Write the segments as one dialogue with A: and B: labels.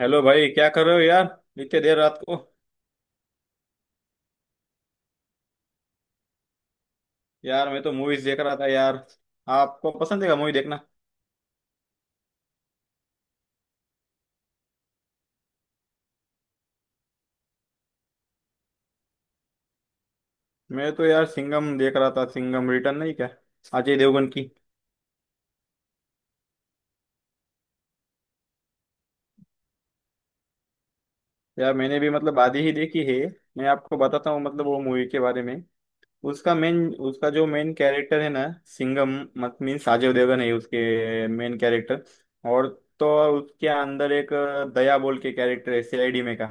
A: Hello भाई, क्या कर रहे हो यार, इतने देर रात को। यार मैं तो मूवीज देख रहा था यार। आपको पसंद है क्या मूवी देखना? मैं तो यार सिंघम देख रहा था, सिंघम रिटर्न नहीं क्या, अजय देवगन की। यार मैंने भी आधी ही देखी है। मैं आपको बताता हूँ वो मूवी के बारे में। उसका मेन उसका जो मेन कैरेक्टर है ना सिंघम, मत मीन्स अजय देवगन है उसके मेन कैरेक्टर। और तो और उसके अंदर एक दया बोल के कैरेक्टर है, सीआईडी में का।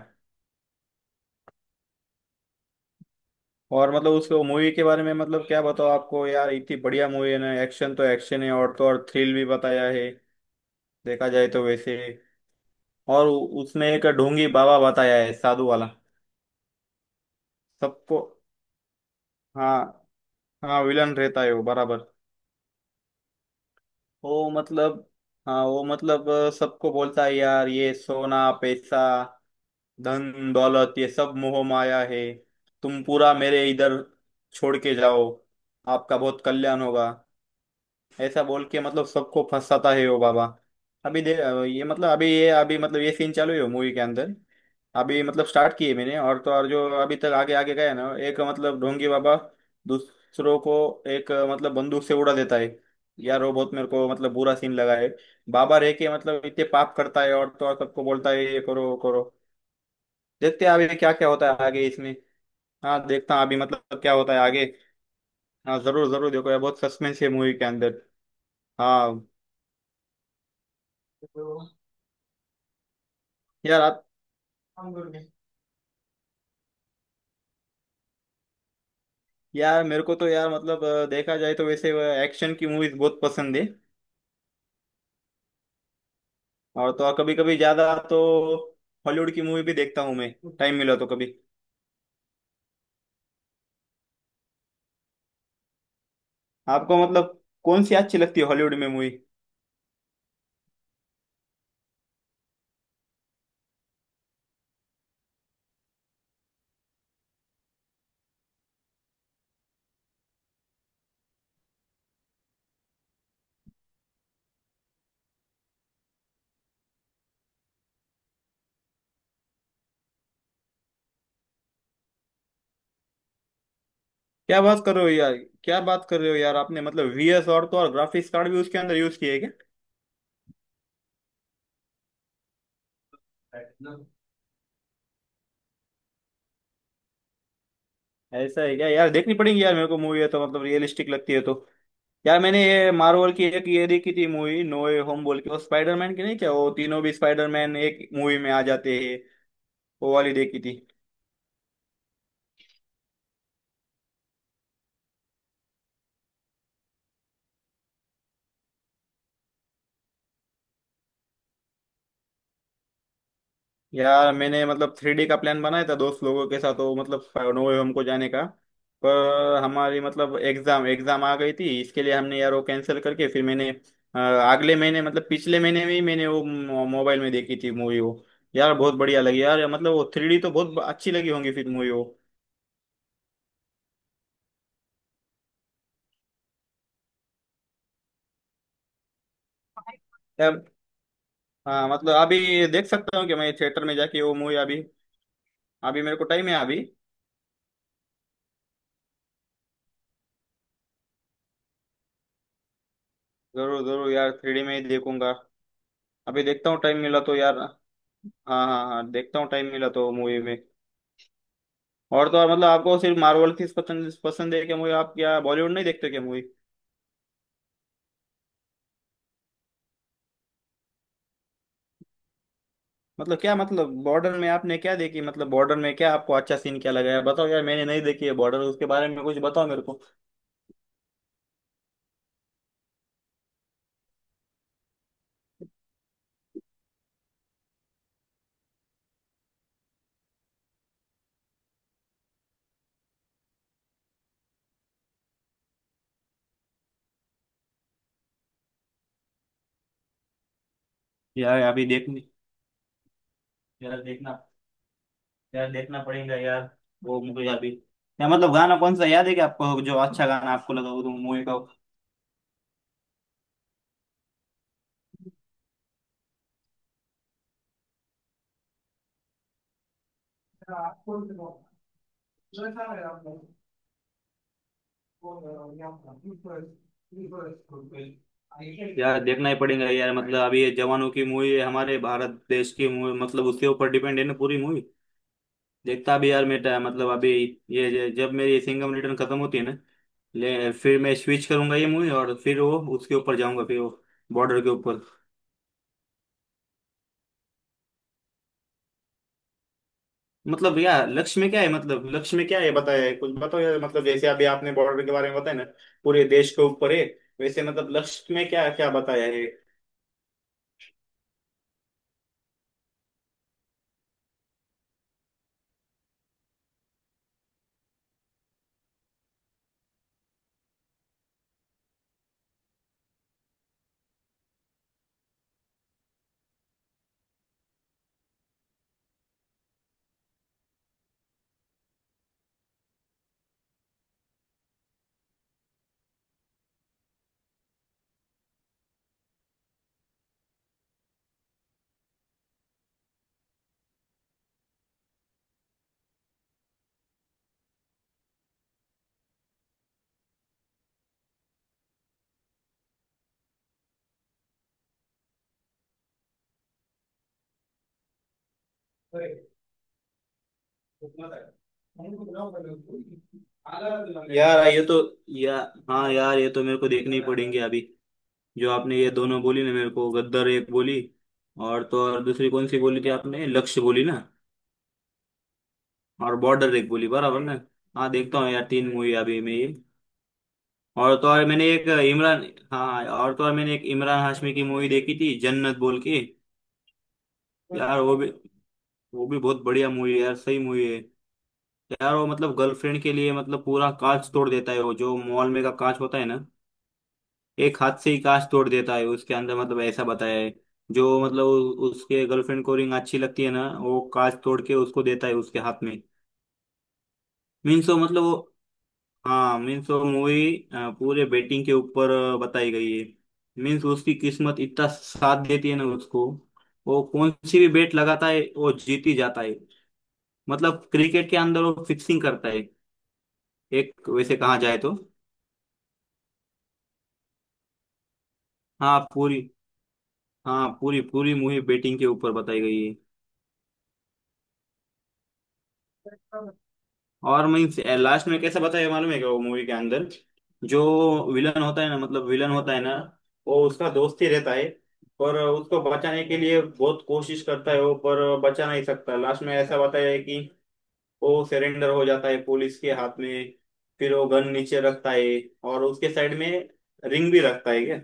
A: और उसके मूवी के बारे में क्या बताओ आपको यार, इतनी बढ़िया मूवी है ना। एक्शन तो एक्शन है, और तो और थ्रिल भी बताया है देखा जाए तो वैसे। और उसमें एक ढोंगी बाबा बताया है, साधु वाला। सबको हाँ, हाँ विलन रहता है वो बराबर। वो मतलब हाँ वो सबको बोलता है यार ये सोना पैसा धन दौलत ये सब मोह माया है। तुम पूरा मेरे इधर छोड़ के जाओ, आपका बहुत कल्याण होगा। ऐसा बोल के सबको फंसाता है वो बाबा। अभी दे ये मतलब अभी ये अभी मतलब ये सीन चालू है मूवी के अंदर। अभी स्टार्ट किए मैंने। और तो और जो अभी तक आगे आगे गया ना, एक ढोंगी बाबा दूसरों को एक बंदूक से उड़ा देता है। यार वो बहुत मेरे को बुरा सीन लगा है। बाबा रह के इतने पाप करता है, और तो और सबको बोलता है ये करो वो करो। देखते हैं अभी क्या क्या होता है आगे इसमें। हाँ, देखता हूँ अभी क्या होता है आगे। हाँ जरूर जरूर देखो यार, बहुत सस्पेंस है मूवी के अंदर। हाँ यार आप। यार मेरे को तो यार देखा जाए तो वैसे एक्शन की मूवीज बहुत पसंद है। और तो कभी कभी ज्यादा तो हॉलीवुड की मूवी भी देखता हूँ मैं, टाइम मिला तो कभी। आपको कौन सी अच्छी लगती है हॉलीवुड में मूवी? क्या बात कर रहे हो यार। क्या बात कर रहे हो यार, आपने वीएस और तो और ग्राफिक्स कार्ड भी उसके अंदर यूज किए है क्या? ऐसा है क्या यार, देखनी पड़ेगी यार मेरे को मूवी। है तो रियलिस्टिक लगती है तो। यार मैंने ये मार्वल की एक ये देखी थी मूवी, नो वे होम बोल के। वो स्पाइडरमैन की नहीं क्या, वो तीनों भी स्पाइडरमैन एक मूवी में आ जाते हैं, वो वाली देखी थी। यार मैंने 3D का प्लान बनाया था दोस्त लोगों के साथ वो नो वे होम को जाने का। पर हमारी एग्जाम एग्जाम आ गई थी, इसके लिए हमने यार वो कैंसिल करके फिर मैंने अगले महीने पिछले महीने में ही मैंने वो मोबाइल में देखी थी मूवी वो। यार बहुत बढ़िया लगी यार। वो 3D तो बहुत अच्छी लगी होंगी फिर मूवी वो। हाँ अभी देख सकता हूँ कि मैं थिएटर में जाके वो मूवी अभी, अभी मेरे को टाइम है अभी। जरूर जरूर यार, 3D में ही देखूंगा। अभी देखता हूँ, टाइम मिला तो यार, हाँ। हाँ हाँ देखता हूँ टाइम मिला तो मूवी में। और तो और आपको सिर्फ मार्वल की पसंद पसंद है क्या मूवी? आप क्या बॉलीवुड नहीं देखते क्या मूवी? मतलब क्या मतलब बॉर्डर में आपने क्या देखी, बॉर्डर में क्या आपको अच्छा सीन क्या लगा यार, बताओ यार। मैंने नहीं देखी है बॉर्डर, उसके बारे में कुछ बताओ मेरे को। यार अभी देखनी। यार देखना, यार देखना पड़ेगा यार वो मूवी अभी। या गाना कौन सा याद है क्या आपको, जो अच्छा गाना आपको लगा वो तो मूवी का? यार देखना ही पड़ेगा यार। अभी ये जवानों की मूवी है, हमारे भारत देश की मूवी, उसके ऊपर डिपेंड है ना पूरी मूवी। देखता भी यार मेरा अभी ये, जब मेरी सिंघम रिटर्न खत्म होती है ना, ले फिर मैं स्विच करूंगा ये मूवी, और फिर वो उसके ऊपर जाऊंगा फिर, वो बॉर्डर के ऊपर। भैया लक्ष्य में क्या है, लक्ष्य में क्या है बताया है, कुछ बताओ यार। जैसे अभी आपने बॉर्डर के बारे में बताया ना, पूरे देश के ऊपर है, वैसे लक्ष्य में क्या क्या बताया है? यार ये तो, या हाँ यार ये तो मेरे को देखने ही पड़ेंगे अभी। जो आपने ये दोनों बोली ना, मेरे को गद्दर एक बोली, और तो और दूसरी कौन सी बोली थी आपने, लक्ष्य बोली ना। और बॉर्डर एक बोली बराबर ना। हाँ देखता हूँ यार 3 मूवी अभी मैं ये। और तो और मैंने एक इमरान हाँ और तो और मैंने एक इमरान हाशमी की मूवी देखी थी, जन्नत बोल के। यार वो भी, वो भी बहुत बढ़िया मूवी है यार, सही मूवी है। यार वो गर्लफ्रेंड के लिए पूरा कांच तोड़ देता है, वो जो मॉल में का कांच होता है ना, एक हाथ से ही कांच तोड़ देता है उसके अंदर, ऐसा बताया है। जो उसके गर्लफ्रेंड को रिंग अच्छी लगती है ना, वो कांच तोड़ के उसको देता है उसके हाथ में। मीन्स वो मतलब वो हाँ मीन्स वो मूवी पूरे बेटिंग के ऊपर बताई गई है। मीन्स उसकी किस्मत इतना साथ देती है ना उसको, वो कौन सी भी बेट लगाता है वो जीत ही जाता है। क्रिकेट के अंदर वो फिक्सिंग करता है एक, वैसे कहा जाए तो। हाँ पूरी, हाँ पूरी पूरी मूवी बेटिंग के ऊपर बताई गई है। और मीन्स लास्ट में कैसा बताया मालूम है क्या वो मूवी के अंदर? जो विलन होता है ना, विलन होता है ना, वो उसका दोस्त ही रहता है। पर उसको बचाने के लिए बहुत कोशिश करता है वो, पर बचा नहीं सकता। लास्ट में ऐसा बताया है कि वो सरेंडर हो जाता है पुलिस के हाथ में। फिर वो गन नीचे रखता है और उसके साइड में रिंग भी रखता है।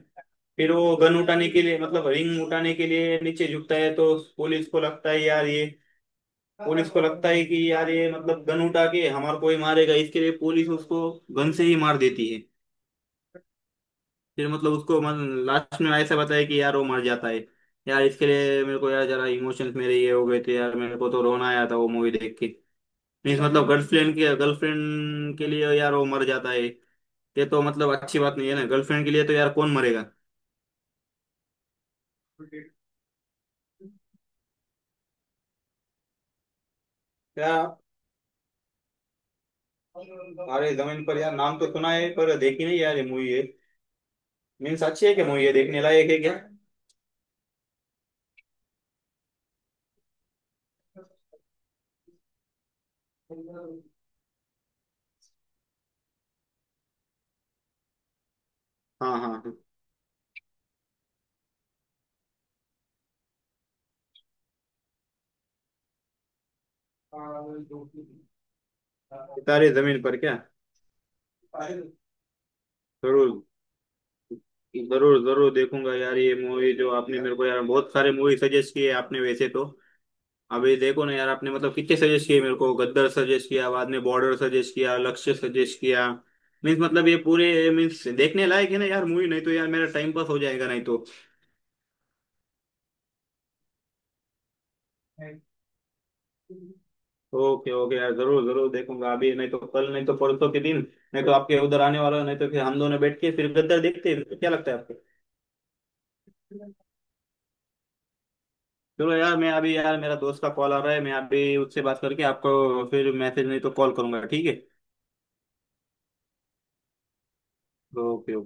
A: फिर वो गन उठाने के लिए रिंग उठाने के लिए नीचे झुकता है, तो पुलिस को लगता है यार ये, पुलिस को लगता है कि यार ये गन उठा के हमारे को ही मारेगा, इसके लिए पुलिस उसको गन से ही मार देती है। फिर लास्ट में ऐसा बताया कि यार वो मर जाता है। यार इसके लिए मेरे को यार जरा इमोशंस मेरे ये हो गए थे यार, मेरे को तो रोना आया था वो मूवी देख के। मीन्स गर्लफ्रेंड के लिए यार वो मर जाता है। ये तो अच्छी बात नहीं है ना, गर्लफ्रेंड के लिए तो यार कौन मरेगा। अरे जमीन पर यार, नाम तो सुना है पर देखी नहीं यार, ये मूवी है? मीन्स अच्छी है क्या, मूवी है देखने लायक है क्या? हाँ हाँ हाँ, तारे जमीन पर क्या? जरूर, जरूर जरूर देखूंगा यार ये मूवी। जो आपने मेरे को यार बहुत सारे मूवी सजेस्ट किए आपने वैसे तो। अभी देखो ना यार, आपने कितने सजेस्ट किए मेरे को, गद्दर सजेस्ट किया, बाद में बॉर्डर सजेस्ट किया, लक्ष्य सजेस्ट किया। मीन्स ये पूरे मीन्स देखने लायक है ना यार मूवी, नहीं तो यार मेरा टाइम पास हो जाएगा नहीं तो। ओके ओके यार, जरूर जरूर देखूंगा, अभी नहीं तो कल नहीं तो परसों के दिन, नहीं तो आपके उधर आने वाला। नहीं तो फिर हम दोनों बैठ के फिर गद्दार देखते हैं, क्या लगता है आपको? चलो यार मैं अभी, यार मेरा दोस्त का कॉल आ रहा है, मैं अभी उससे बात करके आपको फिर मैसेज नहीं तो कॉल करूंगा, ठीक है। ओके।